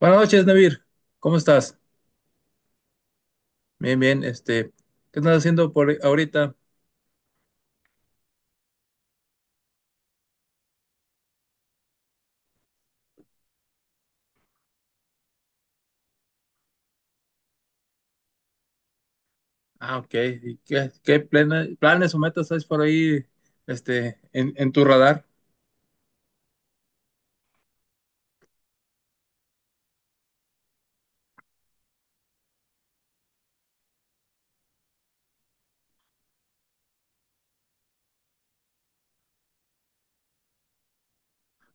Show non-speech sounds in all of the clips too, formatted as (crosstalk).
Buenas noches, Navir. ¿Cómo estás? Bien, bien. ¿Qué estás haciendo por ahorita? Ah, ok. ¿Y qué planes o metas hay por ahí, en tu radar?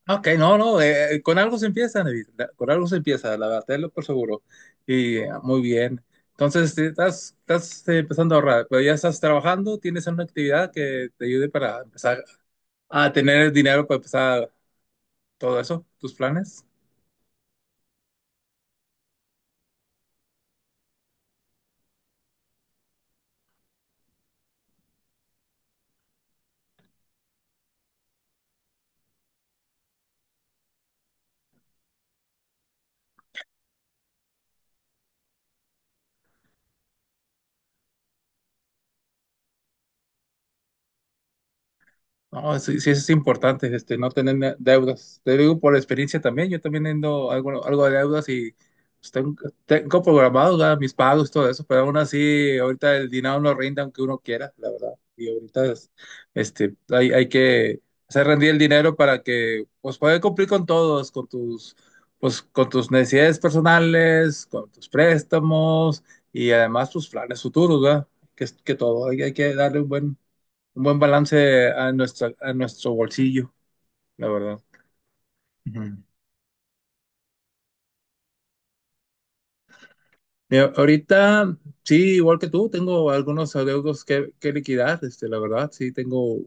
Ah, Ok, no, no. Con algo se empieza, Navir. Con algo se empieza, la verdad, tenlo por seguro. Y ah, muy bien. Entonces, estás empezando a ahorrar, pero ya estás trabajando, tienes una actividad que te ayude para empezar a tener dinero para empezar todo eso, tus planes. No, sí, sí es importante, no tener deudas. Te digo por experiencia también, yo también tengo algo de deudas y pues, tengo programado ya mis pagos, todo eso, pero aún así ahorita el dinero no rinde aunque uno quiera, la verdad. Y ahorita hay que hacer rendir el dinero para que pues puedas cumplir con todos, pues, con tus necesidades personales, con tus préstamos y además tus planes futuros, ¿verdad? Que todo, hay que darle un buen balance a nuestro bolsillo, la verdad. Ujú. Mira, ahorita, sí, igual que tú, tengo algunos adeudos que liquidar, la verdad, sí,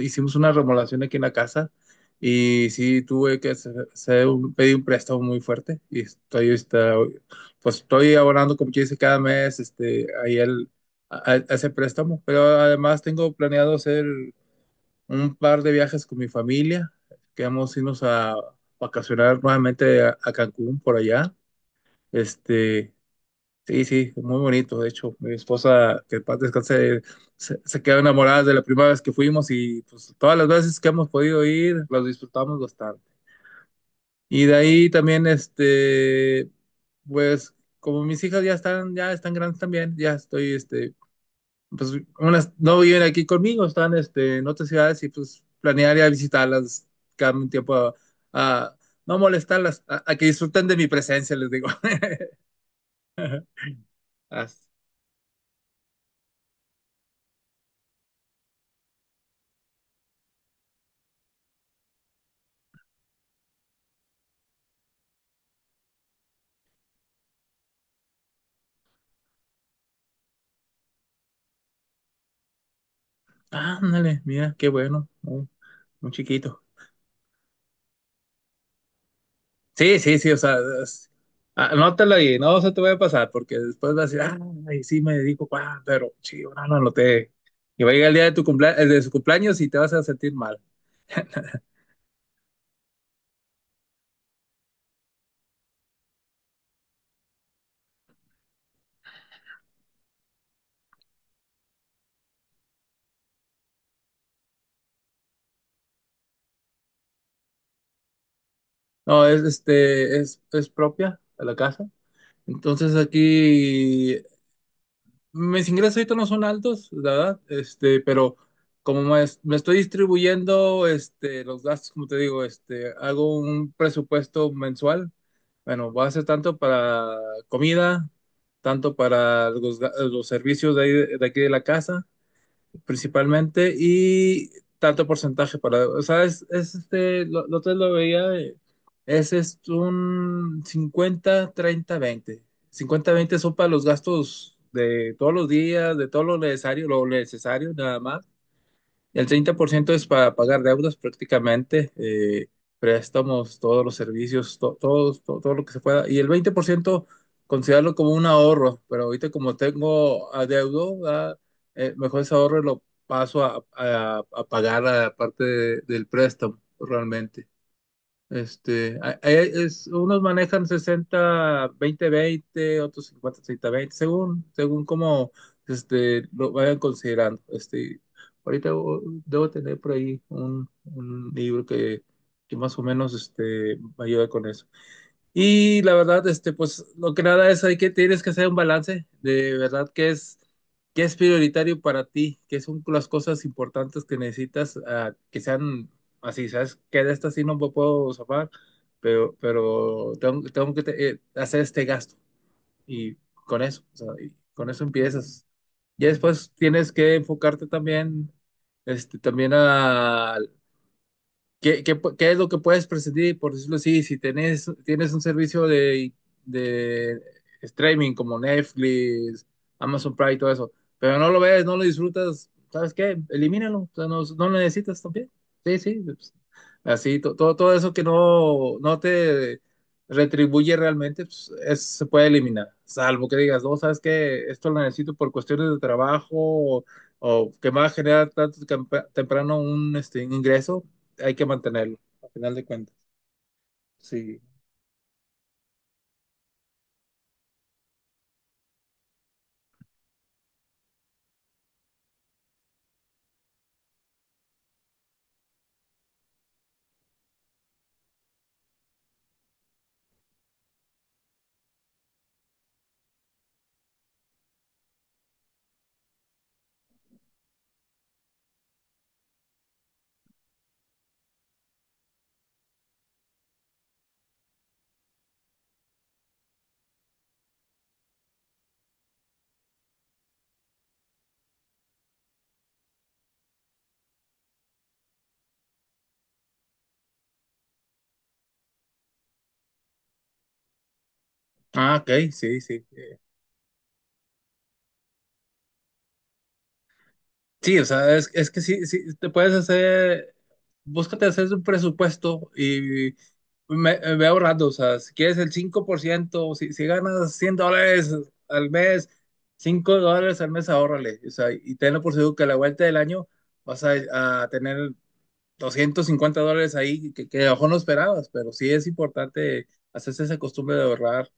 hicimos una remodelación aquí en la casa y sí, tuve que pedir un préstamo muy fuerte y pues estoy abonando, como quien dice, cada mes, a ese préstamo, pero además tengo planeado hacer un par de viajes con mi familia. Quedamos irnos a vacacionar nuevamente a Cancún por allá. Este, sí, sí, muy bonito. De hecho, mi esposa, que en paz descanse, se quedó enamorada de la primera vez que fuimos y pues todas las veces que hemos podido ir, los disfrutamos bastante. Y de ahí también, pues como mis hijas ya están grandes también, pues unas no viven aquí conmigo, están en otras ciudades y pues planearía visitarlas cada un tiempo a no molestarlas, a que disfruten de mi presencia, les digo. (laughs) As- Ándale, mira, qué bueno, muy, muy chiquito. Sí, sí, sí, o sea, es- anótalo ahí, no se te va a pasar porque después vas a decir, ay, sí me dedico, ah, pero sí, no lo anoté. Y va a llegar el día de tu cumpleaños, de su cumpleaños y te vas a sentir mal. No, es propia de la casa. Entonces aquí mis ingresos ahorita no son altos, la verdad, pero me estoy distribuyendo los gastos, como te digo, hago un presupuesto mensual. Bueno, voy a hacer tanto para comida, tanto para los servicios de aquí de la casa principalmente y tanto porcentaje para, o sea, es este, lo, te lo veía, es un 50 30 20 50 20 son para los gastos de todos los días, de todo lo necesario nada más. El 30% es para pagar deudas prácticamente, préstamos, todos los servicios, todo, lo que se pueda. Y el 20% considerarlo como un ahorro, pero ahorita como tengo adeudo, ¿verdad? Mejor ese ahorro lo paso a pagar a la parte del préstamo realmente. Unos manejan 60, 20, 20, otros 50, 30, 20, según cómo lo vayan considerando. Ahorita debo tener por ahí un libro que más o menos me ayuda con eso. Y la verdad, pues lo que nada es, tienes que hacer un balance de verdad qué es, prioritario para ti, qué son las cosas importantes que necesitas, que sean así, ¿sabes? Que de estas sí no me puedo zafar, pero tengo que hacer este gasto y con eso, o sea, y con eso empiezas. Y después tienes que enfocarte también, también ¿Qué es lo que puedes prescindir, por decirlo así, si tienes un servicio de streaming como Netflix, Amazon Prime y todo eso, pero no lo ves, no lo disfrutas, ¿sabes qué? Elimínalo, o sea, no, no lo necesitas también. Sí, sí, pues, así, todo eso que no te retribuye realmente, pues, se puede eliminar, salvo que digas, no, ¿sabes qué? Esto lo necesito por cuestiones de trabajo o que me va a generar tanto temprano un ingreso hay que mantenerlo, al final de cuentas. Sí. Ah, ok, sí, sí. Sí, o sea, es que sí, sí, búscate hacer un presupuesto y me voy ahorrando, o sea, si quieres el 5%, si ganas $100 al mes, $5 al mes, ahórrale, o sea, y tenlo por seguro que a la vuelta del año vas a tener $250 ahí que a lo mejor no esperabas, pero sí es importante hacerse esa costumbre de ahorrar.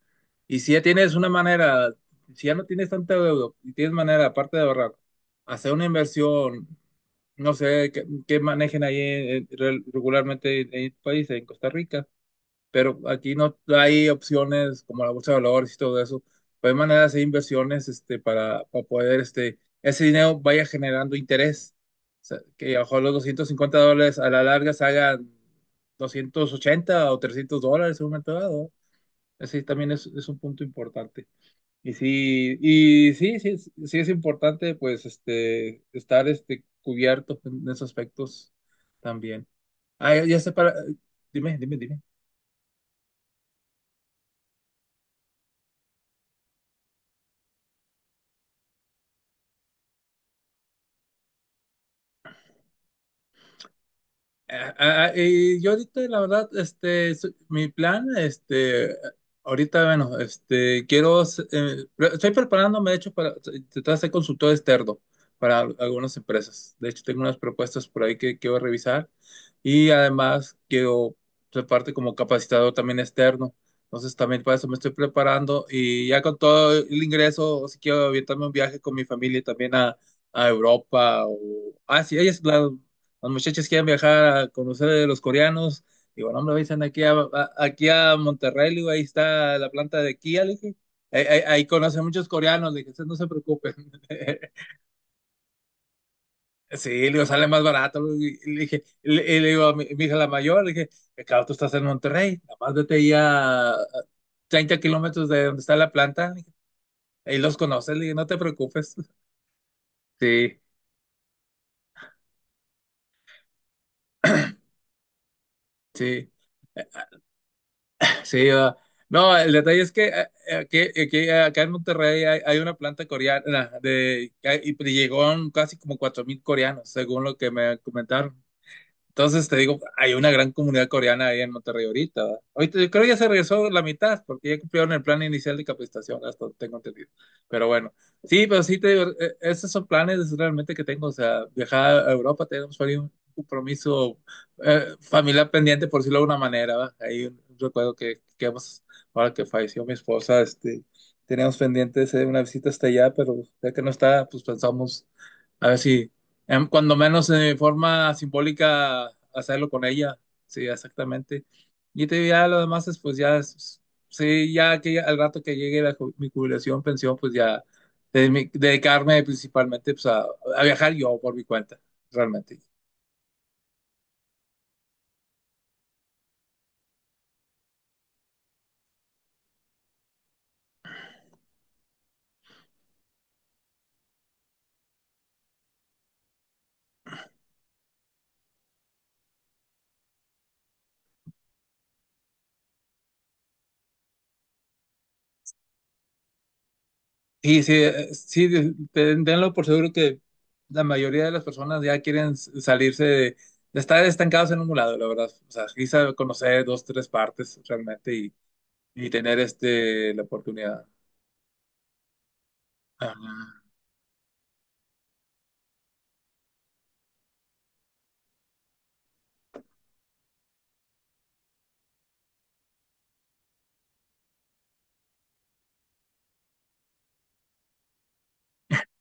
Y si ya tienes una manera, si ya no tienes tanta deuda y tienes manera, aparte de ahorrar, hacer una inversión, no sé, que manejen ahí regularmente en el país, en Costa Rica pero aquí no hay opciones como la bolsa de valores y todo eso. Pero hay maneras de inversiones para poder ese dinero vaya generando interés. O sea, que a lo mejor los $250 a la larga se hagan $280 o $300 en un momento dado. Ese también es un punto importante. Y sí, sí, sí es importante pues estar cubierto en esos aspectos también. Ah, ya sé para. Dime, dime, dime. Ah, y yo ahorita, la verdad, mi plan, ahorita, bueno, estoy preparándome, de hecho, para tratar de ser consultor externo para algunas empresas. De hecho, tengo unas propuestas por ahí que quiero revisar y además quiero ser parte como capacitador también externo. Entonces, también para eso me estoy preparando y ya con todo el ingreso, o si quiero aventarme un viaje con mi familia también a Europa o Asia, ellos, los muchachos quieren viajar a conocer de los coreanos. Digo, no, hombre, vayan aquí a Monterrey, le digo, ahí está la planta de Kia, le dije. Ahí conocen muchos coreanos, le dije, "ustedes no se preocupen". (laughs) Sí, le digo, sale más barato. Le digo, y le dije, y le digo a mi hija la mayor, le dije, "Claro, tú estás en Monterrey, nada más vete ahí a 30 kilómetros de donde está la planta", le dije, ahí los conoces, le dije, no te preocupes. (laughs) Sí, sí. Sí, va. No, el detalle es que acá en Monterrey hay una planta coreana y llegó casi como 4000 coreanos, según lo que me comentaron. Entonces te digo, hay una gran comunidad coreana ahí en Monterrey ahorita. ¿Verdad? Ahorita yo creo que ya se regresó la mitad, porque ya cumplieron el plan inicial de capacitación, hasta donde tengo entendido. Pero bueno, sí, pero sí te digo, esos son planes realmente que tengo. O sea, viajar a Europa, tenemos por ahí un compromiso familiar pendiente, por decirlo de alguna manera. ¿Verdad? Hay un recuerdo que hemos, ahora que falleció mi esposa, teníamos pendiente de hacer una visita hasta allá, pero ya que no está, pues pensamos a ver si cuando menos de forma simbólica hacerlo con ella. Sí, exactamente. Y te ya lo demás es pues ya sí, ya que al rato que llegue la mi jubilación, pensión, pues ya dedicarme principalmente pues a viajar yo por mi cuenta, realmente. Y sí, sí, tenlo por seguro que la mayoría de las personas ya quieren salirse de estar estancados en un lado, la verdad. O sea, quizá conocer dos, tres partes realmente y tener la oportunidad. Ah,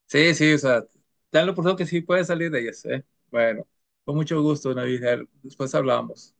sí, sí, o sea, danlo por todo que sí puede salir de ellas, ¿eh? Bueno, con mucho gusto, Navidad. Después hablamos.